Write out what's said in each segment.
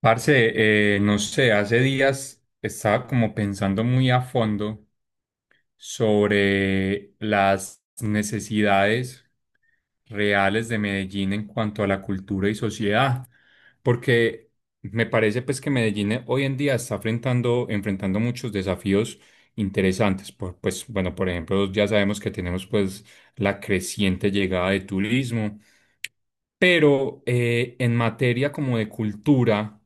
Parce, no sé, hace días estaba como pensando muy a fondo sobre las necesidades reales de Medellín en cuanto a la cultura y sociedad, porque me parece pues que Medellín hoy en día está enfrentando muchos desafíos interesantes, por, pues bueno, por ejemplo, ya sabemos que tenemos pues la creciente llegada de turismo pero en materia como de cultura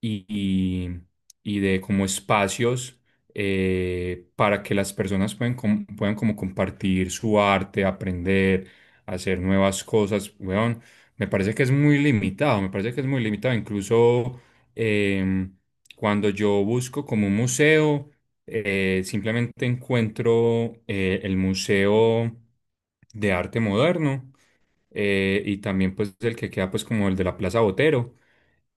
y, y- y de como espacios para que las personas puedan, puedan como compartir su arte, aprender, hacer nuevas cosas, weón, me parece que es muy limitado, me parece que es muy limitado. Incluso em, cuando yo busco como un museo, simplemente encuentro el Museo de Arte Moderno, y también pues el que queda pues como el de la Plaza Botero,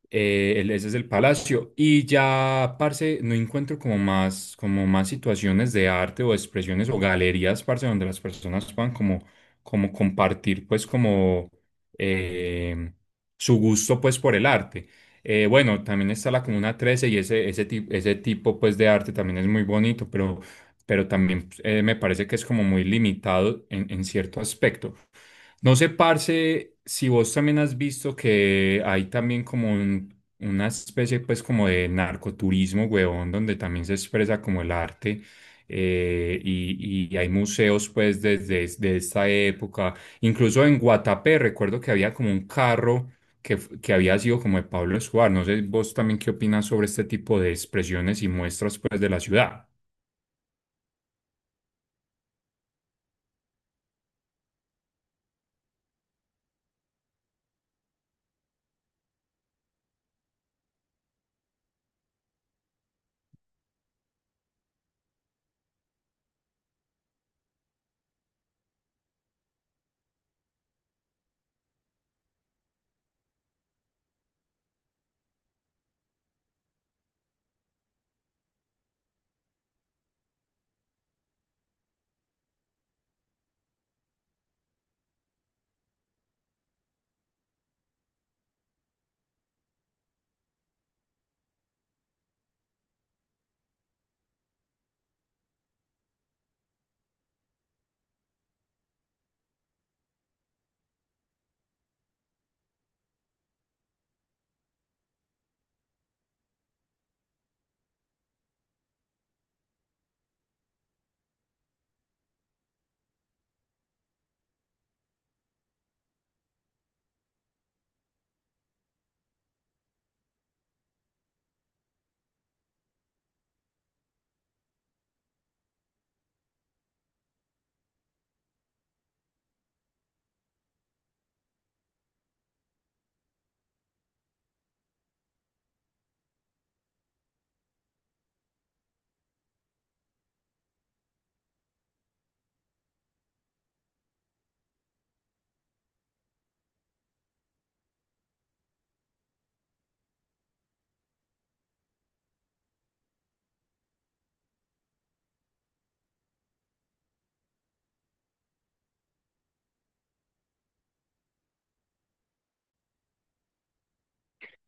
ese es el Palacio, y ya, parce, no encuentro como más situaciones de arte o expresiones o galerías, parce, donde las personas puedan como, como compartir pues como eh, su gusto pues por el arte. Bueno, también está la Comuna 13 y ese tipo pues de arte también es muy bonito, pero también me parece que es como muy limitado en cierto aspecto. No sé, parce, si vos también has visto que hay también como una especie pues como de narcoturismo, huevón, donde también se expresa como el arte y hay museos pues desde, desde esta época. Incluso en Guatapé recuerdo que había como un carro que había sido como de Pablo Escobar. No sé vos también qué opinas sobre este tipo de expresiones y muestras pues de la ciudad.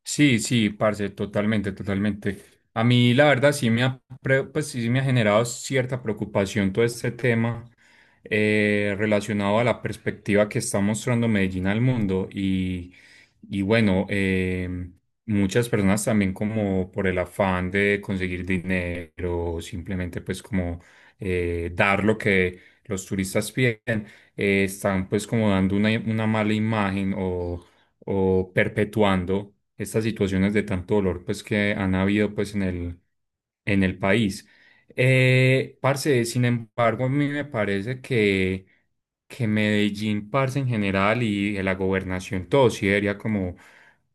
Sí, sí, parce, totalmente, totalmente. A mí, la verdad, pues, sí me ha generado cierta preocupación todo este tema relacionado a la perspectiva que está mostrando Medellín al mundo. Y bueno, muchas personas también como por el afán de conseguir dinero, simplemente pues como dar lo que los turistas piden, están pues como dando una mala imagen o perpetuando estas situaciones de tanto dolor pues que han habido pues en el país. Parce, sin embargo, a mí me parece que Medellín, parce, en general y la gobernación, todo sí debería como,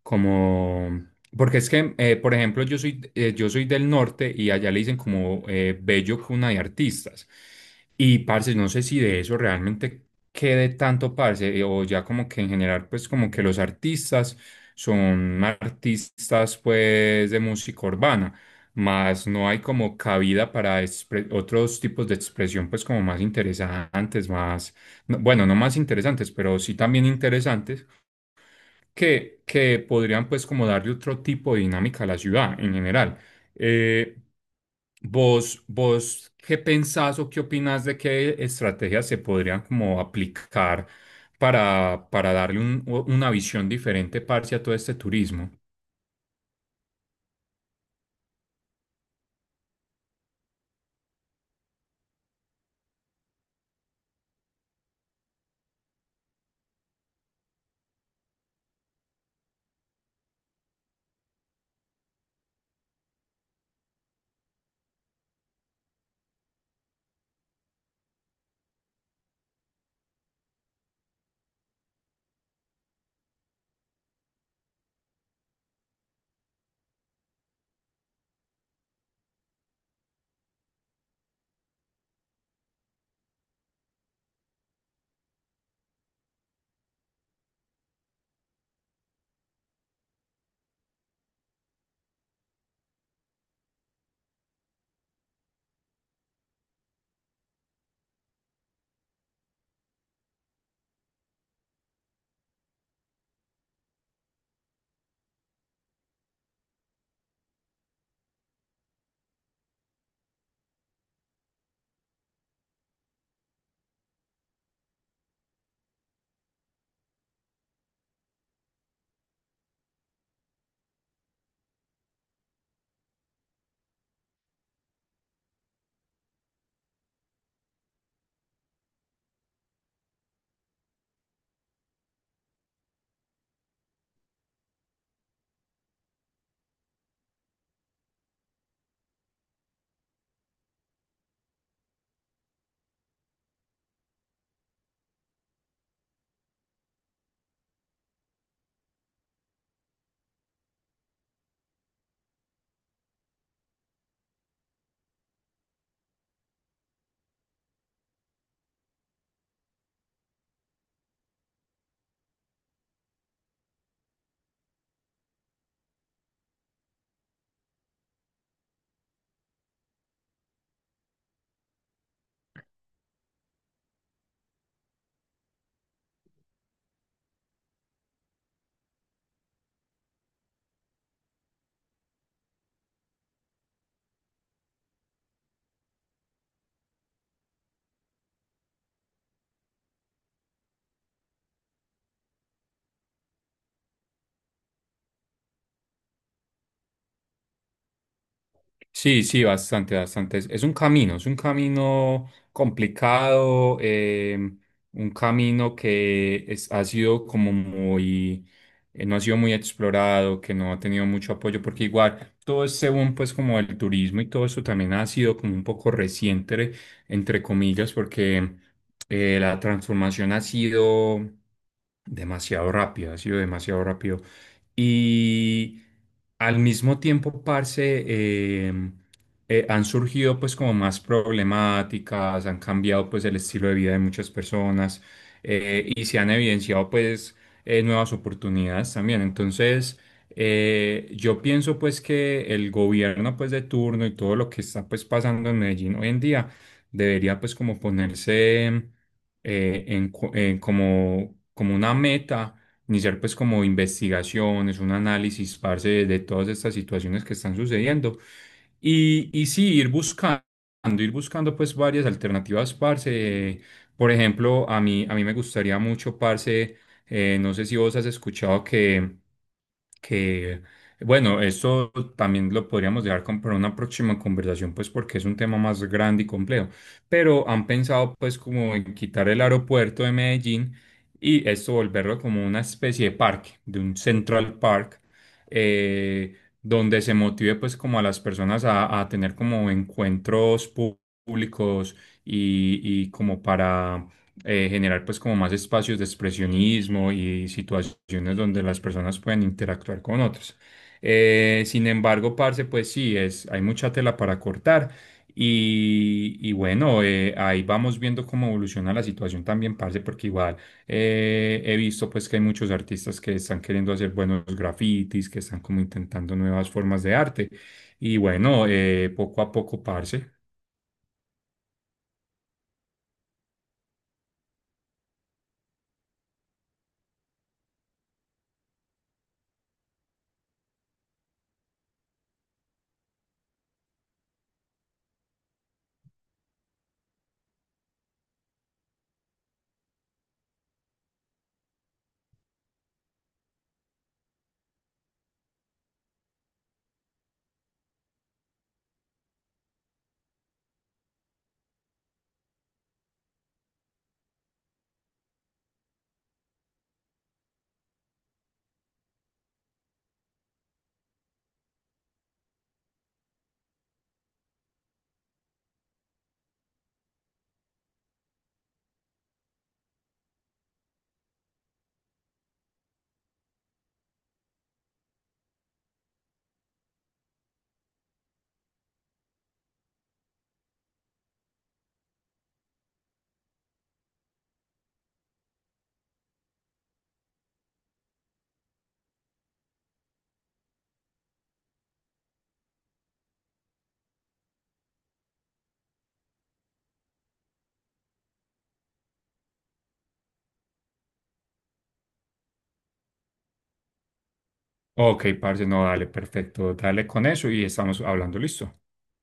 como, porque es que, por ejemplo, yo soy del norte y allá le dicen como bello cuna de artistas. Y parce, no sé si de eso realmente quede tanto parce, o ya como que en general, pues como que los artistas son artistas pues de música urbana, más no hay como cabida para otros tipos de expresión pues como más interesantes, más, bueno, no más interesantes, pero sí también interesantes que podrían pues como darle otro tipo de dinámica a la ciudad en general. Eh, vos qué pensás o qué opinás de qué estrategias se podrían como aplicar para darle una visión diferente, parce, a todo este turismo? Sí, sí, bastante, bastante. Es un camino complicado, un camino que ha sido como muy, no ha sido muy explorado, que no ha tenido mucho apoyo, porque igual todo este boom, pues como el turismo y todo eso también ha sido como un poco reciente, entre comillas, porque la transformación ha sido demasiado rápida, ha sido demasiado rápido. Y al mismo tiempo, parce, han surgido pues como más problemáticas, han cambiado pues el estilo de vida de muchas personas y se han evidenciado pues nuevas oportunidades también. Entonces, yo pienso pues que el gobierno pues de turno y todo lo que está pues pasando en Medellín hoy en día debería pues como ponerse en como, como una meta iniciar pues como investigaciones, un análisis, parce, de todas estas situaciones que están sucediendo. Y sí, ir buscando pues varias alternativas, parce. Por ejemplo, a mí me gustaría mucho, parce, no sé si vos has escuchado que, bueno, esto también lo podríamos dejar para una próxima conversación, pues porque es un tema más grande y complejo, pero han pensado pues como en quitar el aeropuerto de Medellín y esto volverlo como una especie de parque, de un Central Park, eh, donde se motive pues como a las personas a tener como encuentros públicos y como para generar pues como más espacios de expresionismo y situaciones donde las personas pueden interactuar con otros. Sin embargo, parce, pues sí, es, hay mucha tela para cortar. Y bueno, ahí vamos viendo cómo evoluciona la situación también, parce, porque igual he visto pues que hay muchos artistas que están queriendo hacer buenos grafitis, que están como intentando nuevas formas de arte. Y bueno, poco a poco, parce. Ok, parce, no, dale, perfecto, dale con eso y estamos hablando, listo.